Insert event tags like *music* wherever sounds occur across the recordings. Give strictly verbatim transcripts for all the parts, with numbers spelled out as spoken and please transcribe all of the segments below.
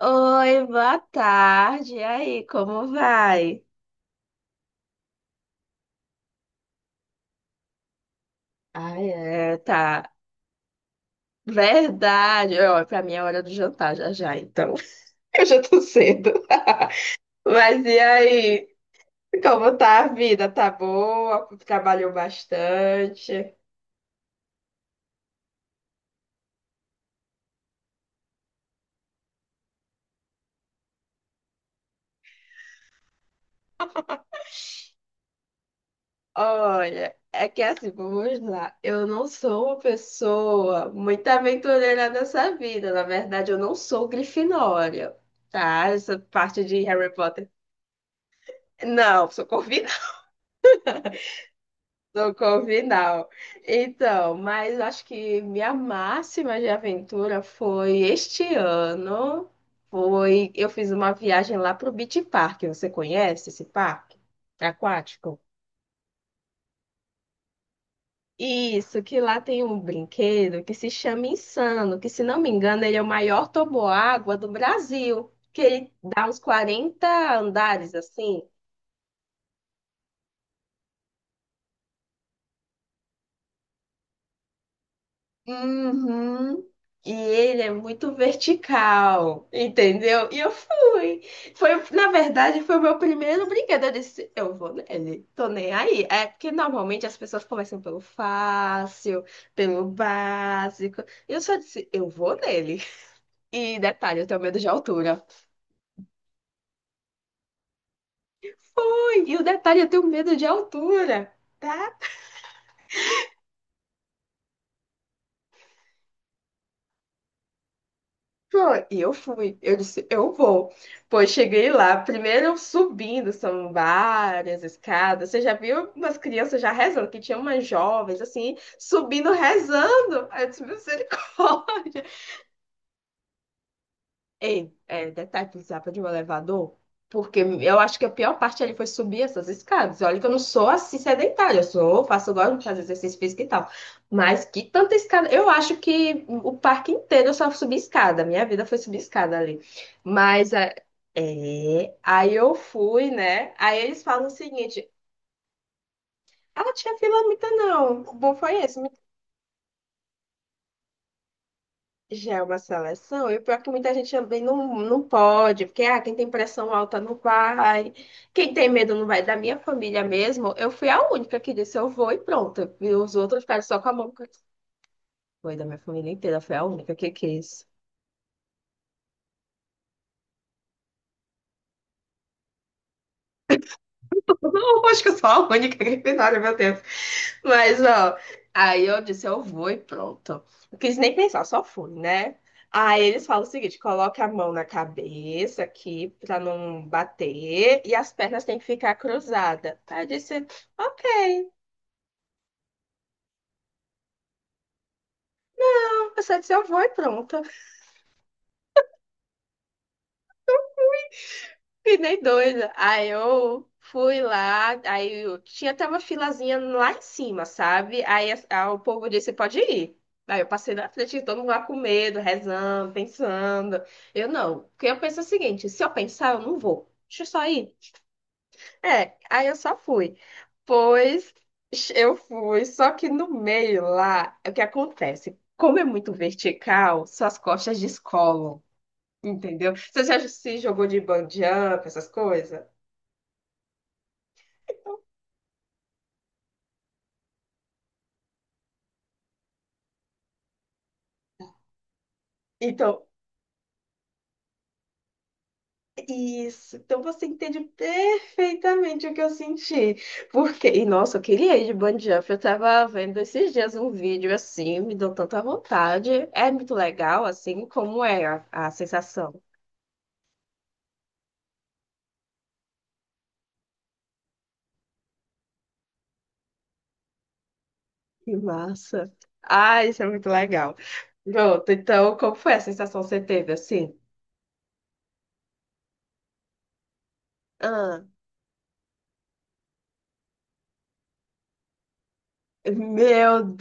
Oi, boa tarde. E aí, como vai? Ai, é, tá. Verdade. Ó, pra mim é hora do jantar já já, então. *laughs* Eu já tô cedo. *laughs* Mas e aí? Como tá a vida? Tá boa? Trabalhou bastante? Olha, é que assim, vamos lá. Eu não sou uma pessoa muito aventureira nessa vida. Na verdade, eu não sou Grifinória, tá? Essa parte de Harry Potter. Não, sou convidada. No Corvinal. Então, mas acho que minha máxima de aventura foi este ano. Foi, eu fiz uma viagem lá para o Beach Park. Você conhece esse parque aquático? Isso, que lá tem um brinquedo que se chama Insano, que se não me engano, ele é o maior toboágua do Brasil, que ele dá uns quarenta andares assim. Uhum. E ele é muito vertical, entendeu? E eu fui. Foi, na verdade, foi o meu primeiro brinquedo. Eu disse, eu vou nele, tô nem aí. É porque normalmente as pessoas começam pelo fácil, pelo básico. E eu só disse, eu vou nele. E detalhe, eu tenho medo de altura. Foi! E o detalhe, eu tenho medo de altura. Tá. Foi, e eu fui. Eu disse, eu vou. Pois cheguei lá, primeiro subindo, são várias escadas. Você já viu umas crianças já rezando, que tinha umas jovens assim, subindo, rezando. Aí eu disse, misericórdia. Ei, é, detalhe, precisava de um elevador, porque eu acho que a pior parte ali foi subir essas escadas. Olha que eu não sou assim sedentária, eu sou, faço, gosto de fazer exercício físico e tal. Mas que tanta escada. Eu acho que o parque inteiro eu só subi escada, minha vida foi subir escada ali. Mas é, é, aí eu fui, né? Aí eles falam o seguinte: ah, não tinha fila muita não. O bom foi esse. Já é uma seleção, e o pior é que muita gente também não, não pode, porque ah, quem tem pressão alta não vai, quem tem medo não vai. Da minha família mesmo, eu fui a única que disse eu vou e pronto. E os outros ficaram só com a mão. Foi da minha família inteira, foi a única que quis. Não, acho que eu sou a única Grifinória, meu Deus. Mas, ó, aí eu disse, eu vou e pronto. Não quis nem pensar, só fui, né? Aí eles falam o seguinte, coloca a mão na cabeça aqui pra não bater e as pernas têm que ficar cruzadas. Aí eu disse, ok. Eu só disse, eu vou e pronto. Que nem doida. Aí eu fui lá, aí eu tinha até uma filazinha lá em cima, sabe? Aí, a- a- o povo disse, pode ir. Aí eu passei na frente, de todo mundo lá com medo, rezando, pensando. Eu não, porque eu penso o seguinte, se eu pensar, eu não vou. Deixa eu só ir. É, aí eu só fui. Pois eu fui, só que no meio lá, o que acontece? Como é muito vertical, suas costas descolam, entendeu? Você já se jogou de bungee jump, essas coisas? Então, isso. Então você entende perfeitamente o que eu senti. Porque, e nossa, eu queria ir de bungee jump. Eu tava vendo esses dias um vídeo assim, me deu tanta vontade. É muito legal, assim, como é a, a sensação. Que massa. Ah, isso é muito legal. Pronto, então, como foi a sensação que você teve, assim? Ah, meu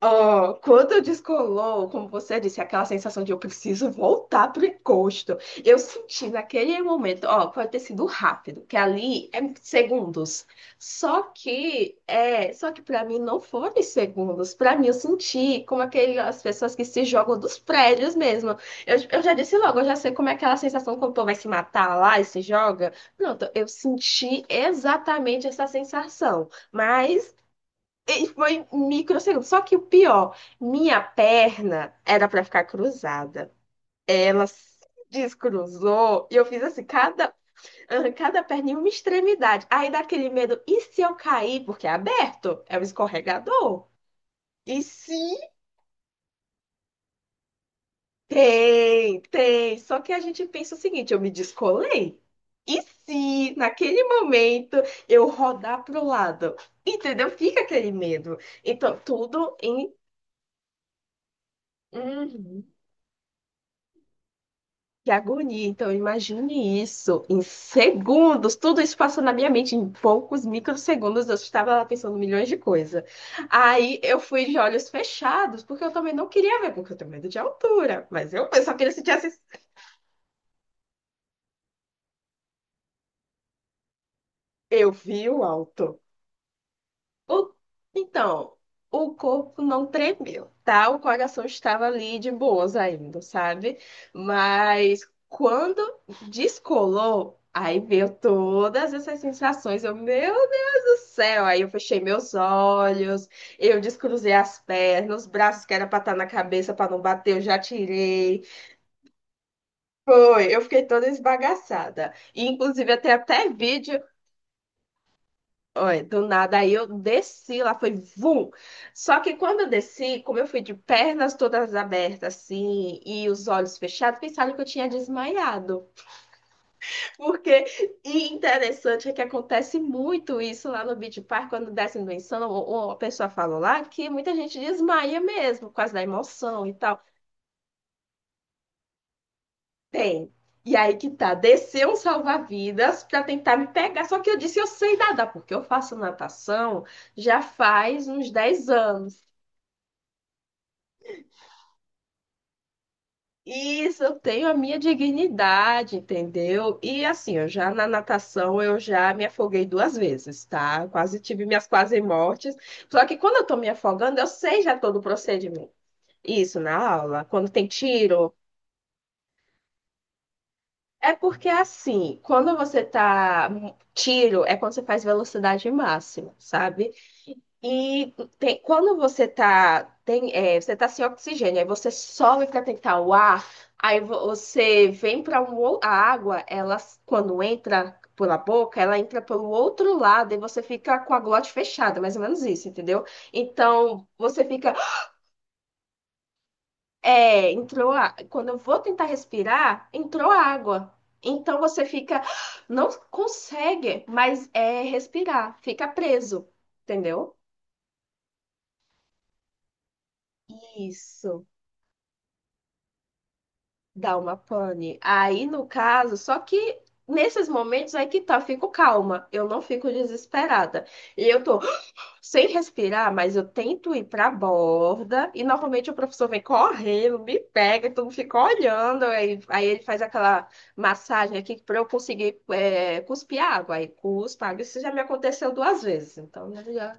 Ó, quando descolou, como você disse, aquela sensação de eu preciso voltar pro encosto, eu senti naquele momento, ó, pode ter sido rápido, que ali é segundos. Só que, é, só que para mim não foram segundos. Para mim eu senti como aquelas pessoas que se jogam dos prédios mesmo. Eu, eu já disse logo, eu já sei como é aquela sensação quando o povo vai se matar lá e se joga. Pronto, eu senti exatamente essa sensação. Mas e foi microsegundo. Só que o pior, minha perna era pra ficar cruzada. Ela se descruzou e eu fiz assim, cada, cada perna em uma extremidade. Aí dá aquele medo, e se eu cair? Porque é aberto, é um escorregador. E se tem, tem. Só que a gente pensa o seguinte, eu me descolei. E se naquele momento eu rodar pro lado? Entendeu? Fica aquele medo. Então, tudo em. Uhum. Que agonia. Então, imagine isso em segundos. Tudo isso passou na minha mente em poucos microsegundos. Eu estava lá pensando milhões de coisas. Aí eu fui de olhos fechados, porque eu também não queria ver, porque eu tenho medo de altura. Mas eu, eu só queria sentir assim. Eu vi o alto. O- Então, o corpo não tremeu, tá? O coração estava ali de boas ainda, sabe? Mas quando descolou, aí veio todas essas sensações. Eu, meu Deus do céu! Aí eu fechei meus olhos, eu descruzei as pernas, os braços que era pra estar na cabeça pra não bater, eu já tirei. Foi, eu fiquei toda esbagaçada. E, inclusive, até até vídeo. Olha, do nada, aí eu desci lá, foi vum. Só que quando eu desci, como eu fui de pernas todas abertas, assim, e os olhos fechados, pensaram que eu tinha desmaiado. Porque, e interessante é que acontece muito isso lá no Beach Park, quando descem do Insano, ou, ou a pessoa falou lá que muita gente desmaia mesmo, por causa da emoção e tal. Tem. E aí que tá, desceu um salva-vidas pra tentar me pegar. Só que eu disse, eu sei nadar, porque eu faço natação já faz uns dez anos. Isso, eu tenho a minha dignidade, entendeu? E assim, eu já na natação eu já me afoguei duas vezes, tá? Quase tive minhas quase mortes. Só que quando eu tô me afogando, eu sei já todo o procedimento. Isso, na aula, quando tem tiro. É porque assim, quando você tá. hum, Tiro é quando você faz velocidade máxima, sabe? E tem- quando você tá, tem, é, você tá sem oxigênio, aí você sobe para tentar o ar, aí vo- você vem para um, ou- a água, ela, s- quando entra pela boca, ela entra pelo outro lado e você fica com a glote fechada, mais ou menos isso, entendeu? Então, você fica, *gasps* é, entrou a, quando eu vou tentar respirar, entrou água. Então, você fica, *gasps* não consegue mas é, respirar, fica preso, entendeu? Isso. Dá uma pane. Aí, no caso, só que nesses momentos aí que tá, eu fico calma, eu não fico desesperada. E eu tô *gasps* sem respirar, mas eu tento ir pra borda, e normalmente o professor vem correndo, me pega, todo mundo fica olhando, aí, aí ele faz aquela massagem aqui pra eu conseguir é, cuspir água. Aí cuspa água. Isso já me aconteceu duas vezes, então né, já.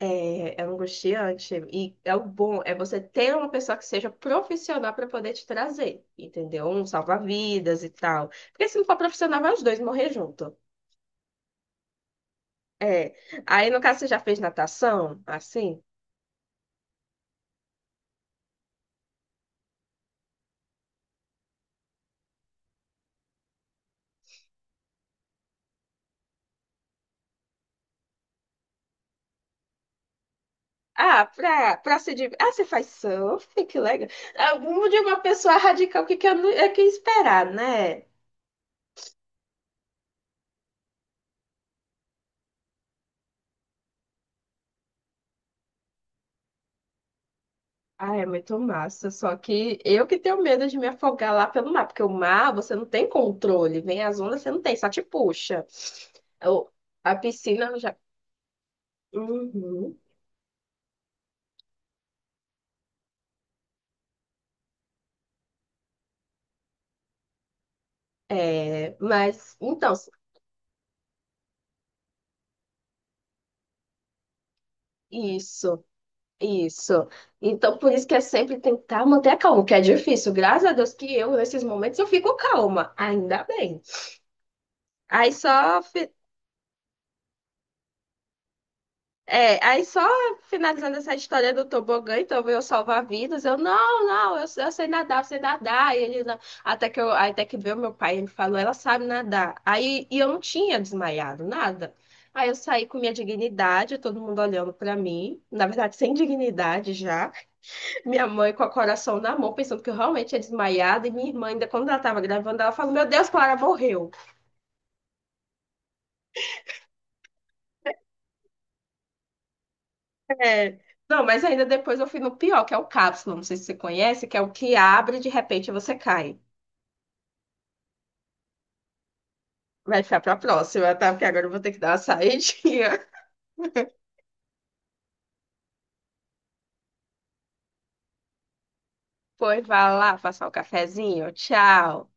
É, é angustiante. E é o bom, é você ter uma pessoa que seja profissional para poder te trazer, entendeu? Um salva-vidas e tal. Porque se não for profissional, vai os dois morrer junto. É. Aí, no caso, você já fez natação, assim? Ah, pra, pra se div... Ah, você faz surf, *laughs* que legal. Ah, de uma pessoa radical, o que, que eu não- é que esperar, né? Ah, é muito massa. Só que eu que tenho medo de me afogar lá pelo mar, porque o mar você não tem controle, vem as ondas, você não tem, só te puxa. Eu- a piscina eu já. Uhum. É, mas então, isso, isso. Então, por isso que é sempre tentar manter a calma, que é difícil. Graças a Deus que eu, nesses momentos, eu fico calma, ainda bem. Aí só É, aí só finalizando essa história do tobogã, então veio salvar vidas. Eu, não, não, eu, eu sei nadar, eu sei nadar. E ele, não. Até que eu, aí até que veio meu pai, ele falou, ela sabe nadar. Aí, e eu não tinha desmaiado, nada. Aí eu saí com minha dignidade, todo mundo olhando pra mim, na verdade, sem dignidade já. Minha mãe com o coração na mão, pensando que eu realmente tinha desmaiado. E minha irmã, ainda quando ela tava gravando, ela falou: Meu Deus, Clara morreu. É. Não, mas ainda depois eu fui no pior, que é o cápsula, não sei se você conhece, que é o que abre e de repente você cai. Vai ficar pra próxima, tá? Porque agora eu vou ter que dar uma saidinha. *laughs* Pois vai lá, passar o cafezinho. Tchau.